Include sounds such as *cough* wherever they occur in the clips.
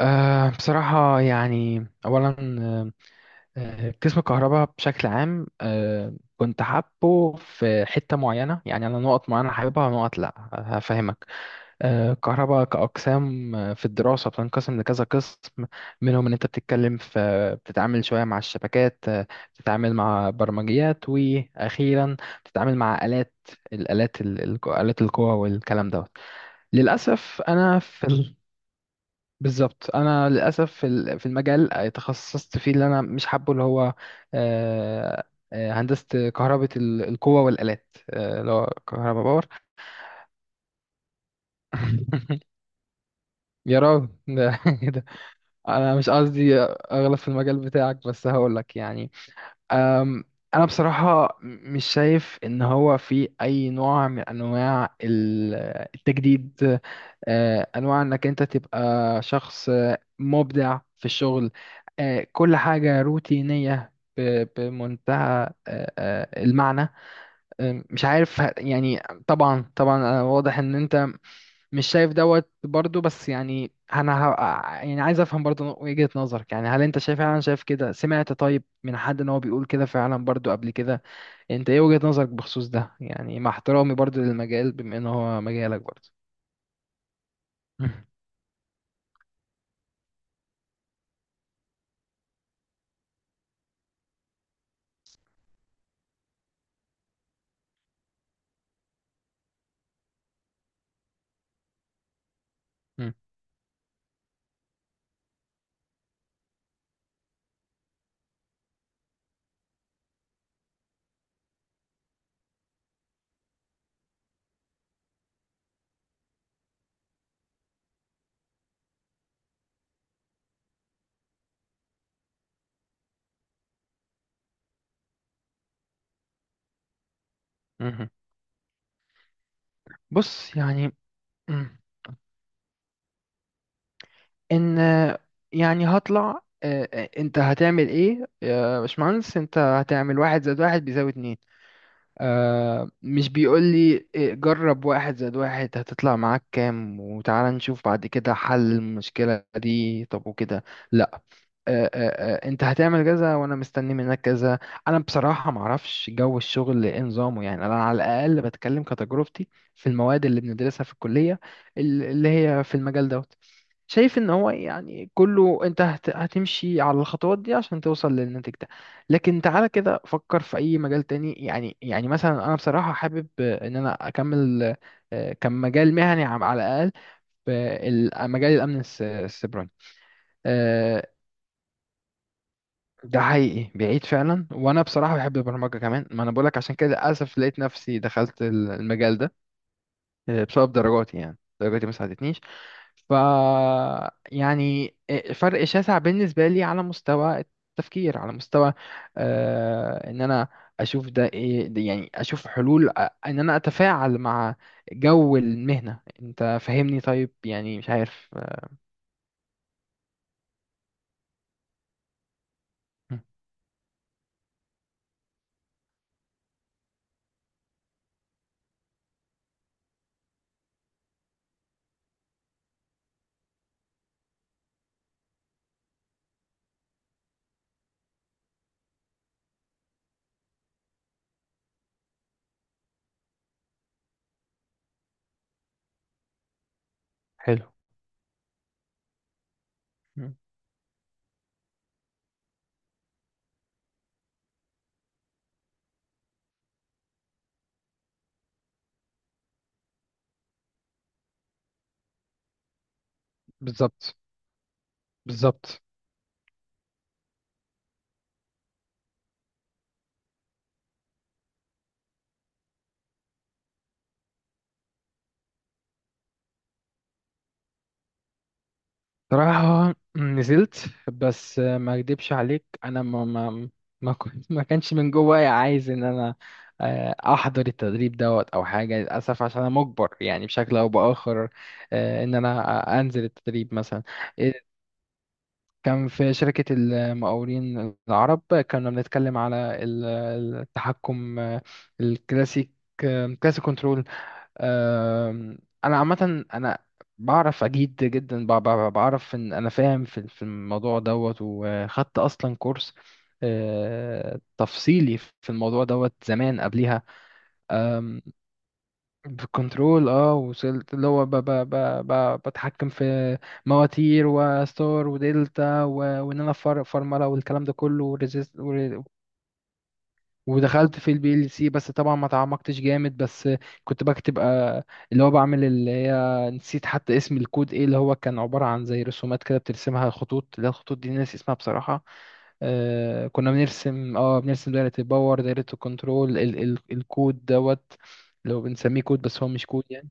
بصراحة، يعني أولا، أه آه، قسم الكهرباء بشكل عام كنت حابه في حتة معينة. يعني أنا نقط معينة حاببها ونقط لأ، هفهمك. الكهرباء كأقسام، في الدراسة بتنقسم لكذا قسم. منهم إن أنت بتتكلم في بتتعامل شوية مع الشبكات، بتتعامل مع برمجيات، وأخيرا بتتعامل مع آلات. الآلات ال- الآلات القوى والكلام دوت. للأسف أنا في ال- بالظبط، انا للاسف في المجال تخصصت فيه اللي انا مش حابه، اللي هو آه، هندسه كهرباء القوه والالات، اللي هو كهرباء باور. *laughs* يا راجل ده *laughs* ده انا مش قصدي اغلط في المجال بتاعك، بس هقول لك يعني. أم، انا بصراحه مش شايف ان هو في اي نوع من انواع التجديد، انواع انك انت تبقى شخص مبدع في الشغل. كل حاجة روتينية بمنتهى المعنى. مش عارف يعني. طبعا طبعا، واضح ان انت مش شايف دوت برضو، بس يعني انا ه... يعني عايز افهم برضو وجهة نظرك. يعني هل انت شايف فعلا، شايف كده، سمعت طيب من حد ان هو بيقول كده فعلا برضو قبل كده؟ انت ايه وجهة نظرك بخصوص ده؟ يعني مع احترامي برضو للمجال بما ان هو مجالك برضو. *laughs* بص يعني. مم. ان، يعني هطلع، انت هتعمل ايه يا باشمهندس؟ انت هتعمل واحد زائد واحد بيساوي اتنين؟ آه مش بيقول لي إيه، جرب واحد زائد واحد هتطلع معاك كام، وتعالى نشوف بعد كده حل المشكلة دي. طب وكده انت هتعمل كذا وانا مستني منك كذا. انا بصراحه ما اعرفش جو الشغل ايه نظامه. يعني انا على الاقل بتكلم كتجربتي في المواد اللي بندرسها في الكليه، اللي هي في المجال دوت. شايف ان هو يعني كله انت هتمشي على الخطوات دي عشان توصل للنتيجة ده. لكن تعالى كده فكر في اي مجال تاني. يعني يعني مثلا انا بصراحه حابب ان انا اكمل، كمجال مهني على الاقل في مجال الامن السيبراني، آه، ده حقيقي بعيد فعلا. وانا بصراحه بحب البرمجه كمان. ما انا بقولك عشان كده للاسف لقيت نفسي دخلت المجال ده، بسبب درجاتي. يعني درجاتي ما ساعدتنيش. ف، يعني فرق شاسع بالنسبه لي على مستوى التفكير، على مستوى ان انا اشوف ده ايه ده. يعني اشوف حلول، ان انا اتفاعل مع جو المهنه. انت فاهمني؟ طيب، يعني مش عارف حلو. مم. بالظبط بالظبط. صراحة نزلت، بس ما اكدبش عليك، انا ما, كنت ما كانش من جوايا عايز ان انا احضر التدريب دوت او حاجة، للاسف عشان انا مجبر يعني بشكل او باخر ان انا انزل التدريب مثلا. إيه، كان في شركة المقاولين العرب. كنا بنتكلم على ال- التحكم الكلاسيك، كلاسيك كنترول. أم، انا عامه انا بعرف اجيد جدا، بعرف ان انا فاهم في في الموضوع دوت. وخدت اصلا كورس تفصيلي في الموضوع دوت زمان قبليها. أم، بالكنترول، اه وصلت اللي هو ب بتحكم في مواتير وستار ودلتا، وان انا فرمله والكلام ده كله. ودخلت في البي ال سي، بس طبعا ما تعمقتش جامد. بس كنت بكتب، اللي هو بعمل اللي هي، نسيت حتى اسم الكود ايه. اللي هو كان عبارة عن زي رسومات كده بترسمها خطوط، اللي هي الخطوط دي ناس اسمها بصراحة. كنا بنرسم، بنرسم دايرة الباور، دايرة الكنترول، ال ال الكود دوت. لو بنسميه كود، بس هو مش كود يعني.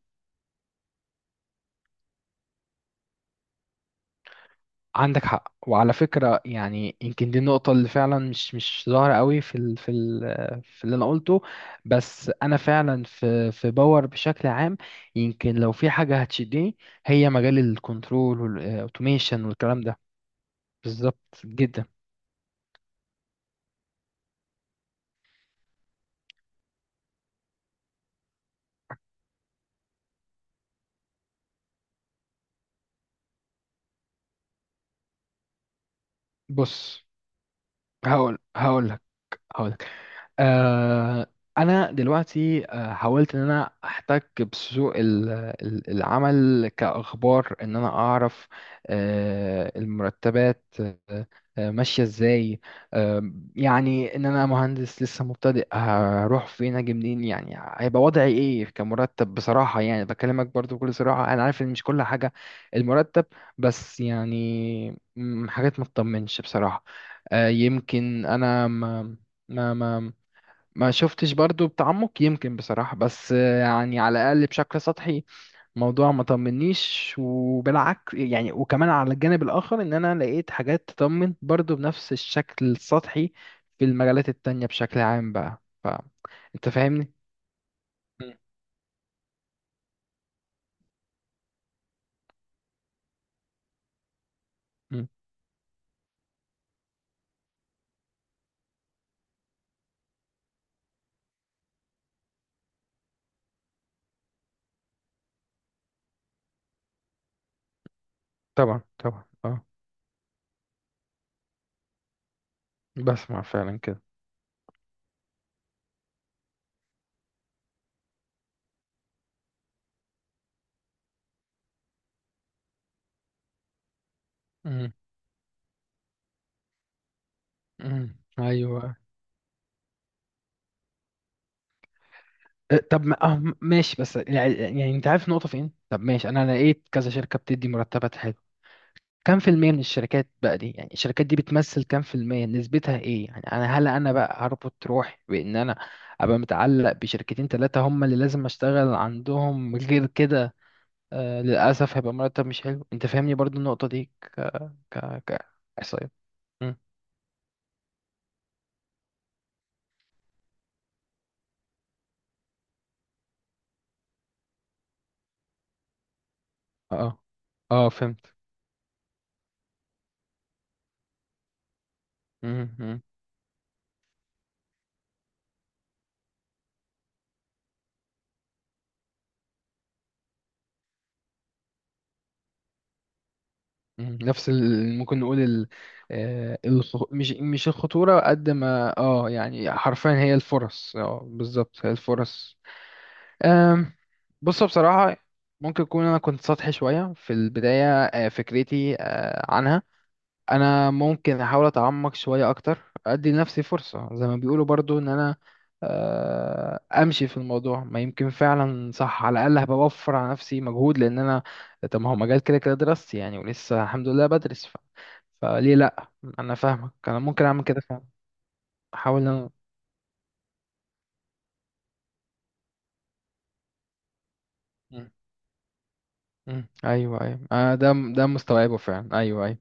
عندك حق، وعلى فكرة يعني يمكن دي النقطة اللي فعلا مش ظاهرة قوي في ال في ال في اللي أنا قلته. بس أنا فعلا في في باور بشكل عام، يمكن لو في حاجة هتشدني، هي مجال الكنترول والأوتوميشن والكلام ده. بالظبط جدا. بص، هقول هقول لك هقول لك، آه، انا دلوقتي حاولت ان انا احتك بسوق العمل كاخبار ان انا اعرف المرتبات ماشيه ازاي. يعني ان انا مهندس لسه مبتدئ، هروح فين اجي منين؟ يعني هيبقى وضعي ايه كمرتب بصراحه. يعني بكلمك برضو بكل صراحه، انا عارف ان مش كل حاجه المرتب، بس يعني حاجات ما تطمنش بصراحه. يمكن انا ما ما ما شفتش برضو بتعمق يمكن بصراحة، بس يعني على الأقل بشكل سطحي الموضوع ما طمنيش. وبالعكس يعني، وكمان على الجانب الآخر إن أنا لقيت حاجات تطمن برضو بنفس الشكل السطحي في المجالات التانية بشكل عام بقى. فأنت فاهمني؟ مم. مم. طبعا طبعا اه. بسمع فعلا كده. مم. مم. ايوه. أه، طب ما- اه ماشي، بس يعني يعني انت عارف النقطة فين؟ طب ماشي، انا لقيت كذا شركة بتدي مرتبات. كم في المية من الشركات بقى دي؟ يعني الشركات دي بتمثل كم في المية، نسبتها ايه؟ يعني انا هل انا بقى هربط روحي بان انا ابقى متعلق بشركتين تلاتة هم اللي لازم اشتغل عندهم؟ غير كده للاسف هيبقى مرتب مش حلو. انت فاهمني برضو النقطة دي؟ ك ك احصائيات. مم. اه اه فهمت. مم. مم. مم. نفس ال... ممكن نقول ال... الخ... مش الخطورة قد ما اه، يعني حرفيا هي الفرص، اه بالظبط هي الفرص. بص بصراحة، ممكن يكون أنا كنت سطحي شوية في البداية، فكرتي عنها. أنا ممكن أحاول أتعمق شوية أكتر، أدي لنفسي فرصة زي ما بيقولوا برضو إن أنا أمشي في الموضوع، ما يمكن فعلا صح. على الأقل هبقى بوفر على نفسي مجهود، لأن أنا طب ما هو مجال كده كده دراستي يعني، ولسه الحمد لله بدرس ف... فليه لأ. أنا فاهمك، أنا ممكن أعمل كده فعلا. أحاول إن أنا. مم. مم. أيوه أيوه، ده مستوعبه فعلا، أيوه أيوه.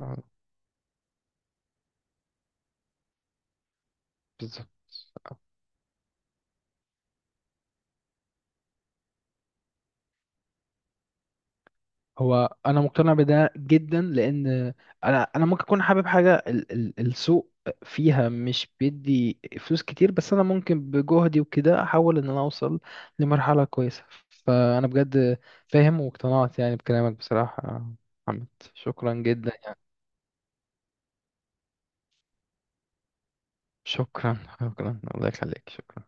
أم... بالظبط. هو انا مقتنع بده جدا، لان انا ممكن اكون حابب حاجه ال ال السوق فيها مش بيدي فلوس كتير، بس انا ممكن بجهدي وكده احاول ان انا اوصل لمرحله كويسه. فانا بجد فاهم واقتنعت يعني بكلامك بصراحه يا محمد. شكرا جدا. شكرا شكرا الله يخليك، شكرا.